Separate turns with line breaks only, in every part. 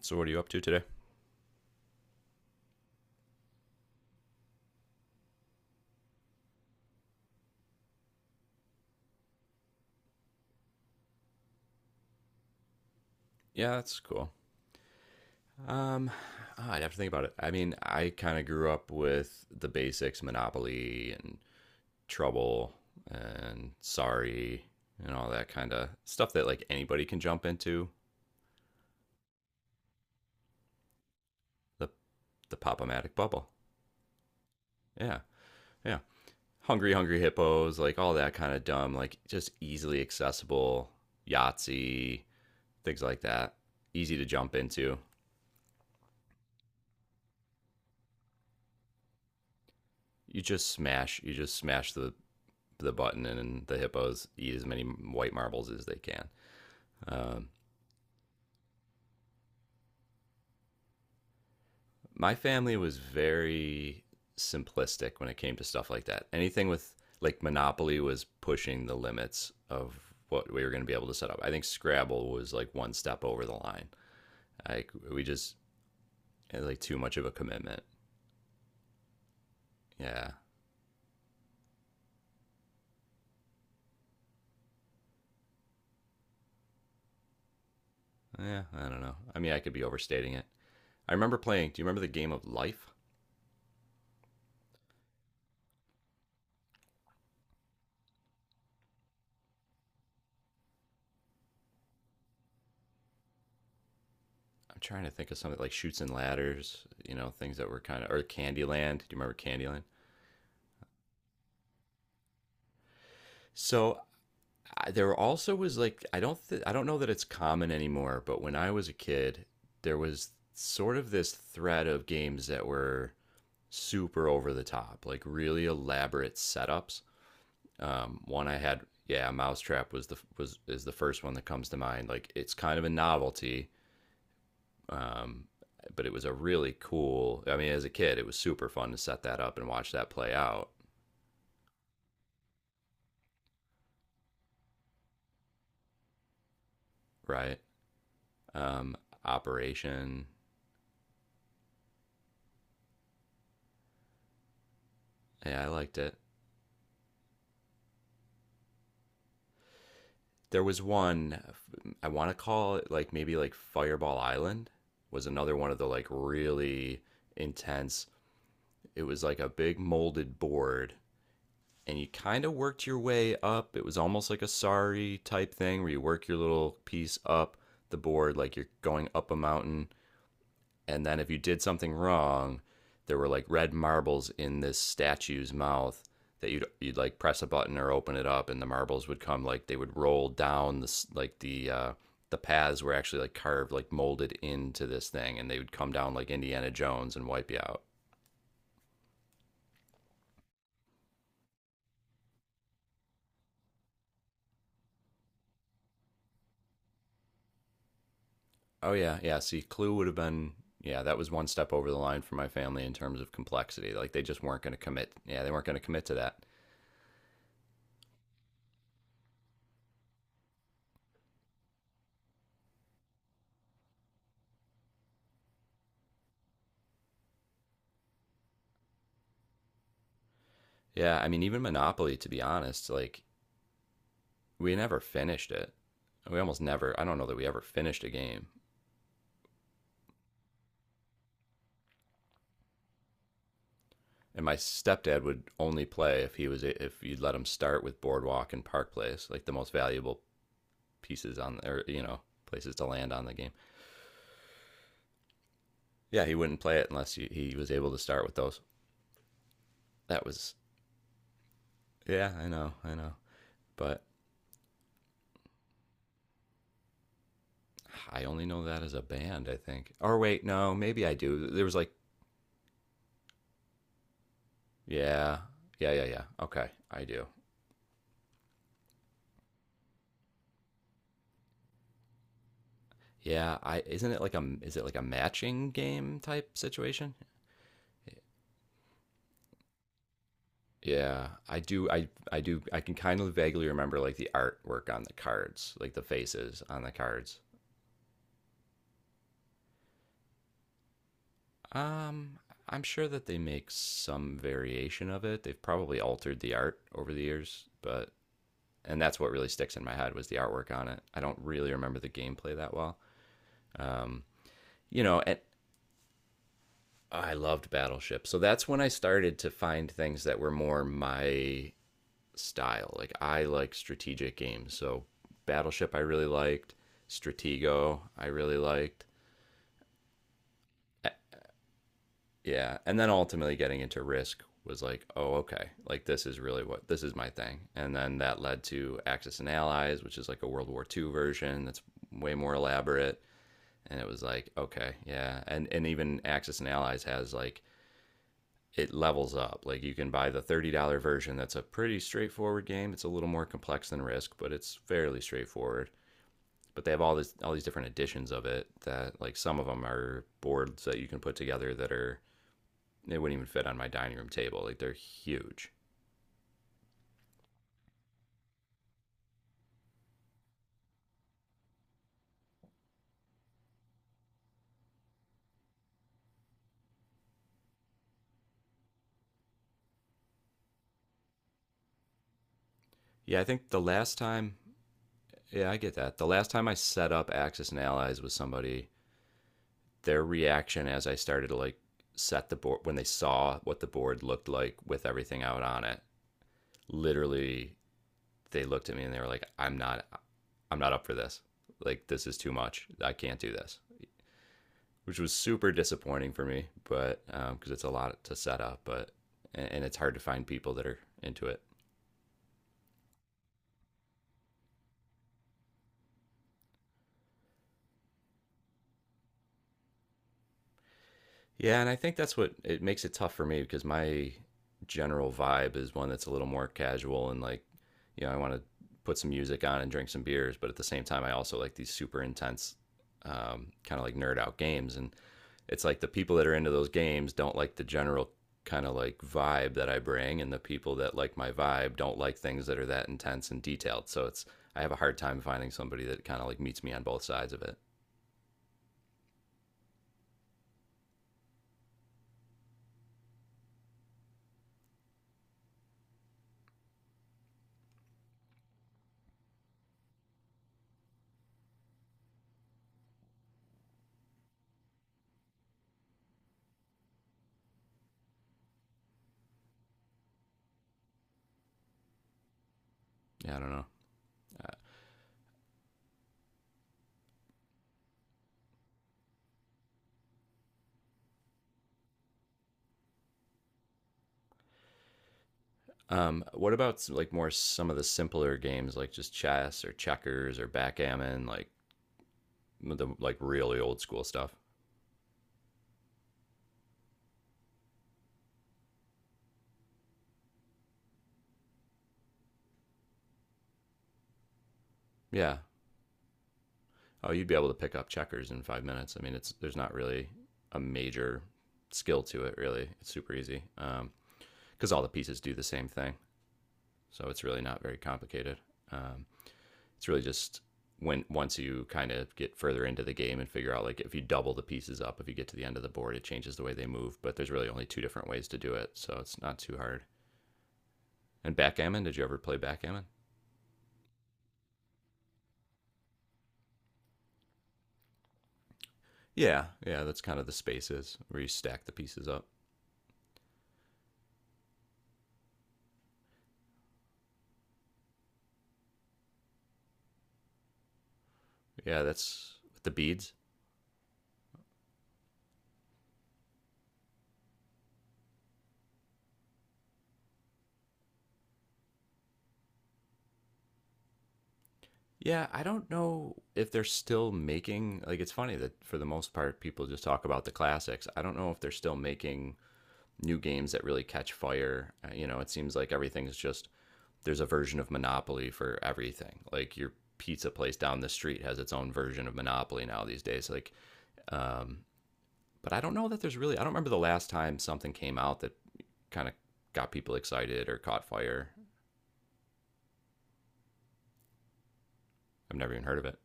So what are you up to today? Yeah, that's cool. Um, I'd have to think about it. I mean, I kind of grew up with the basics, Monopoly and Trouble and Sorry and all that kind of stuff that like anybody can jump into the the Pop-O-Matic bubble. Yeah, yeah. Hungry Hungry Hippos, like all that kind of dumb, like just easily accessible Yahtzee, things like that. Easy to jump into. You just smash the button and the hippos eat as many white marbles as they can. Um, my family was very simplistic when it came to stuff like that. Anything with like Monopoly was pushing the limits of what we were going to be able to set up. I think Scrabble was like one step over the line. Like we just had like too much of a commitment. Yeah. Yeah, I don't know. I mean, I could be overstating it. I remember playing. Do you remember the game of Life? I'm trying to think of something like shoots and ladders, you know, things that were kind of or Candyland. Do you remember Candyland? So I, there also was like I don't know that it's common anymore, but when I was a kid, there was sort of this thread of games that were super over the top, like really elaborate setups. One I had, yeah, Mousetrap was the was is the first one that comes to mind. Like it's kind of a novelty. Um, but it was a really cool. I mean, as a kid, it was super fun to set that up and watch that play out. Right. Um, Operation. Yeah, I liked it. There was one I want to call it like maybe like Fireball Island was another one of the like really intense. It was like a big molded board and you kind of worked your way up. It was almost like a sorry type thing where you work your little piece up the board like you're going up a mountain, and then if you did something wrong, there were like red marbles in this statue's mouth that you'd like press a button or open it up, and the marbles would come like they would roll down this like the paths were actually like carved like molded into this thing, and they would come down like Indiana Jones and wipe you out. Oh yeah, yeah. See, Clue would have been yeah that was one step over the line for my family in terms of complexity. Like they just weren't going to commit. Yeah, they weren't going to commit to that. Yeah, I mean even Monopoly to be honest, like we never finished it. We almost never. I don't know that we ever finished a game. And my stepdad would only play if he was if you'd let him start with Boardwalk and Park Place, like the most valuable pieces on or you know places to land on the game. Yeah, he wouldn't play it unless he was able to start with those. That was yeah, I know, but I only know that as a band. I think. Or wait, no, maybe I do. There was like yeah, yeah, yeah, yeah. Okay, I do. Yeah, I isn't it like a is it like a matching game type situation? Yeah, I do. I do. I can kind of vaguely remember like the artwork on the cards, like the faces on the cards. Um, I'm sure that they make some variation of it. They've probably altered the art over the years, but and that's what really sticks in my head was the artwork on it. I don't really remember the gameplay that well. Um, you know, and Oh, I loved Battleship, so that's when I started to find things that were more my style. Like I like strategic games, so Battleship I really liked, Stratego I really liked. Yeah, and then ultimately getting into Risk was like, oh okay, like this is really what this is my thing. And then that led to Axis and Allies, which is like a World War II version that's way more elaborate. And it was like, okay, yeah, and even Axis and Allies has like it levels up. Like you can buy the $30 version that's a pretty straightforward game. It's a little more complex than Risk, but it's fairly straightforward. But they have all these different editions of it that like some of them are boards that you can put together that are they wouldn't even fit on my dining room table like they're huge yeah I think the last time yeah I get that the last time I set up Axis and Allies with somebody their reaction as I started to like set the board when they saw what the board looked like with everything out on it literally they looked at me and they were like i'm not up for this like this is too much I can't do this which was super disappointing for me, but because it's a lot to set up, but and it's hard to find people that are into it. Yeah, and I think that's what it makes it tough for me because my general vibe is one that's a little more casual and like, you know, I want to put some music on and drink some beers, but at the same time, I also like these super intense, kind of like nerd out games. And it's like the people that are into those games don't like the general kind of like vibe that I bring, and the people that like my vibe don't like things that are that intense and detailed. So it's I have a hard time finding somebody that kind of like meets me on both sides of it. Yeah, I don't know. What about like more some of the simpler games like just chess or checkers or backgammon, like the like really old school stuff? Yeah. Oh, you'd be able to pick up checkers in 5 minutes. I mean, it's there's not really a major skill to it, really. It's super easy because all the pieces do the same thing, so it's really not very complicated. Um, It's really just when once you kind of get further into the game and figure out like if you double the pieces up, if you get to the end of the board, it changes the way they move. But there's really only two different ways to do it, so it's not too hard. And backgammon, did you ever play backgammon? Yeah, yeah, that's kind of the spaces where you stack the pieces up. Yeah, that's with the beads. Yeah, I don't know if they're still making like it's funny that for the most part people just talk about the classics. I don't know if they're still making new games that really catch fire. You know, it seems like everything's just there's a version of Monopoly for everything. Like your pizza place down the street has its own version of Monopoly now these days. Like, um, but I don't know that there's really. I don't remember the last time something came out that kind of got people excited or caught fire. I've never even heard of it.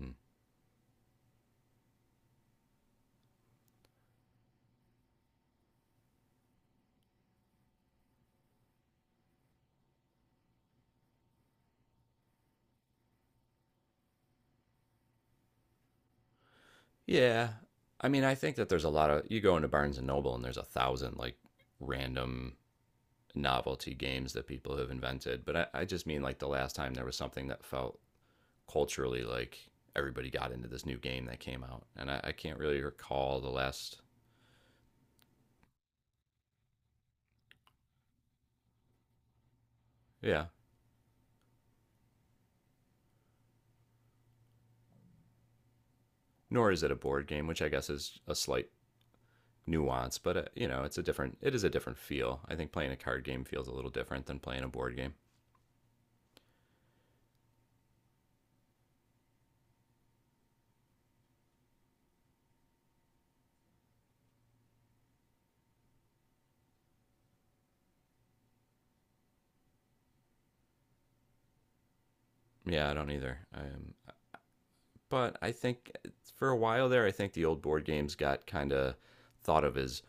Mm-hmm. Yeah, I mean, I think that there's a lot of. You go into Barnes and Noble and there's a thousand like random novelty games that people have invented. But I just mean like the last time there was something that felt culturally like everybody got into this new game that came out and I can't really recall the last yeah nor is it a board game which I guess is a slight nuance but you know it's a different it is a different feel I think playing a card game feels a little different than playing a board game yeah I don't either but I think for a while there I think the old board games got kind of thought of as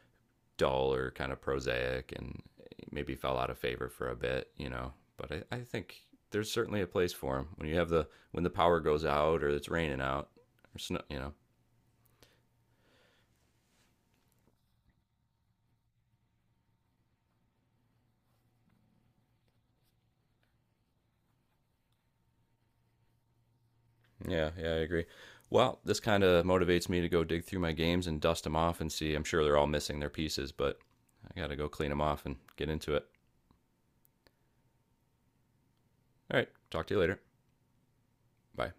dull or kind of prosaic and maybe fell out of favor for a bit, you know. But I think there's certainly a place for them when you have the when the power goes out or it's raining out or snow, you know. Yeah, yeah, I agree. Well, this kind of motivates me to go dig through my games and dust them off and see. I'm sure they're all missing their pieces, but I got to go clean them off and get into it. All right, talk to you later. Bye.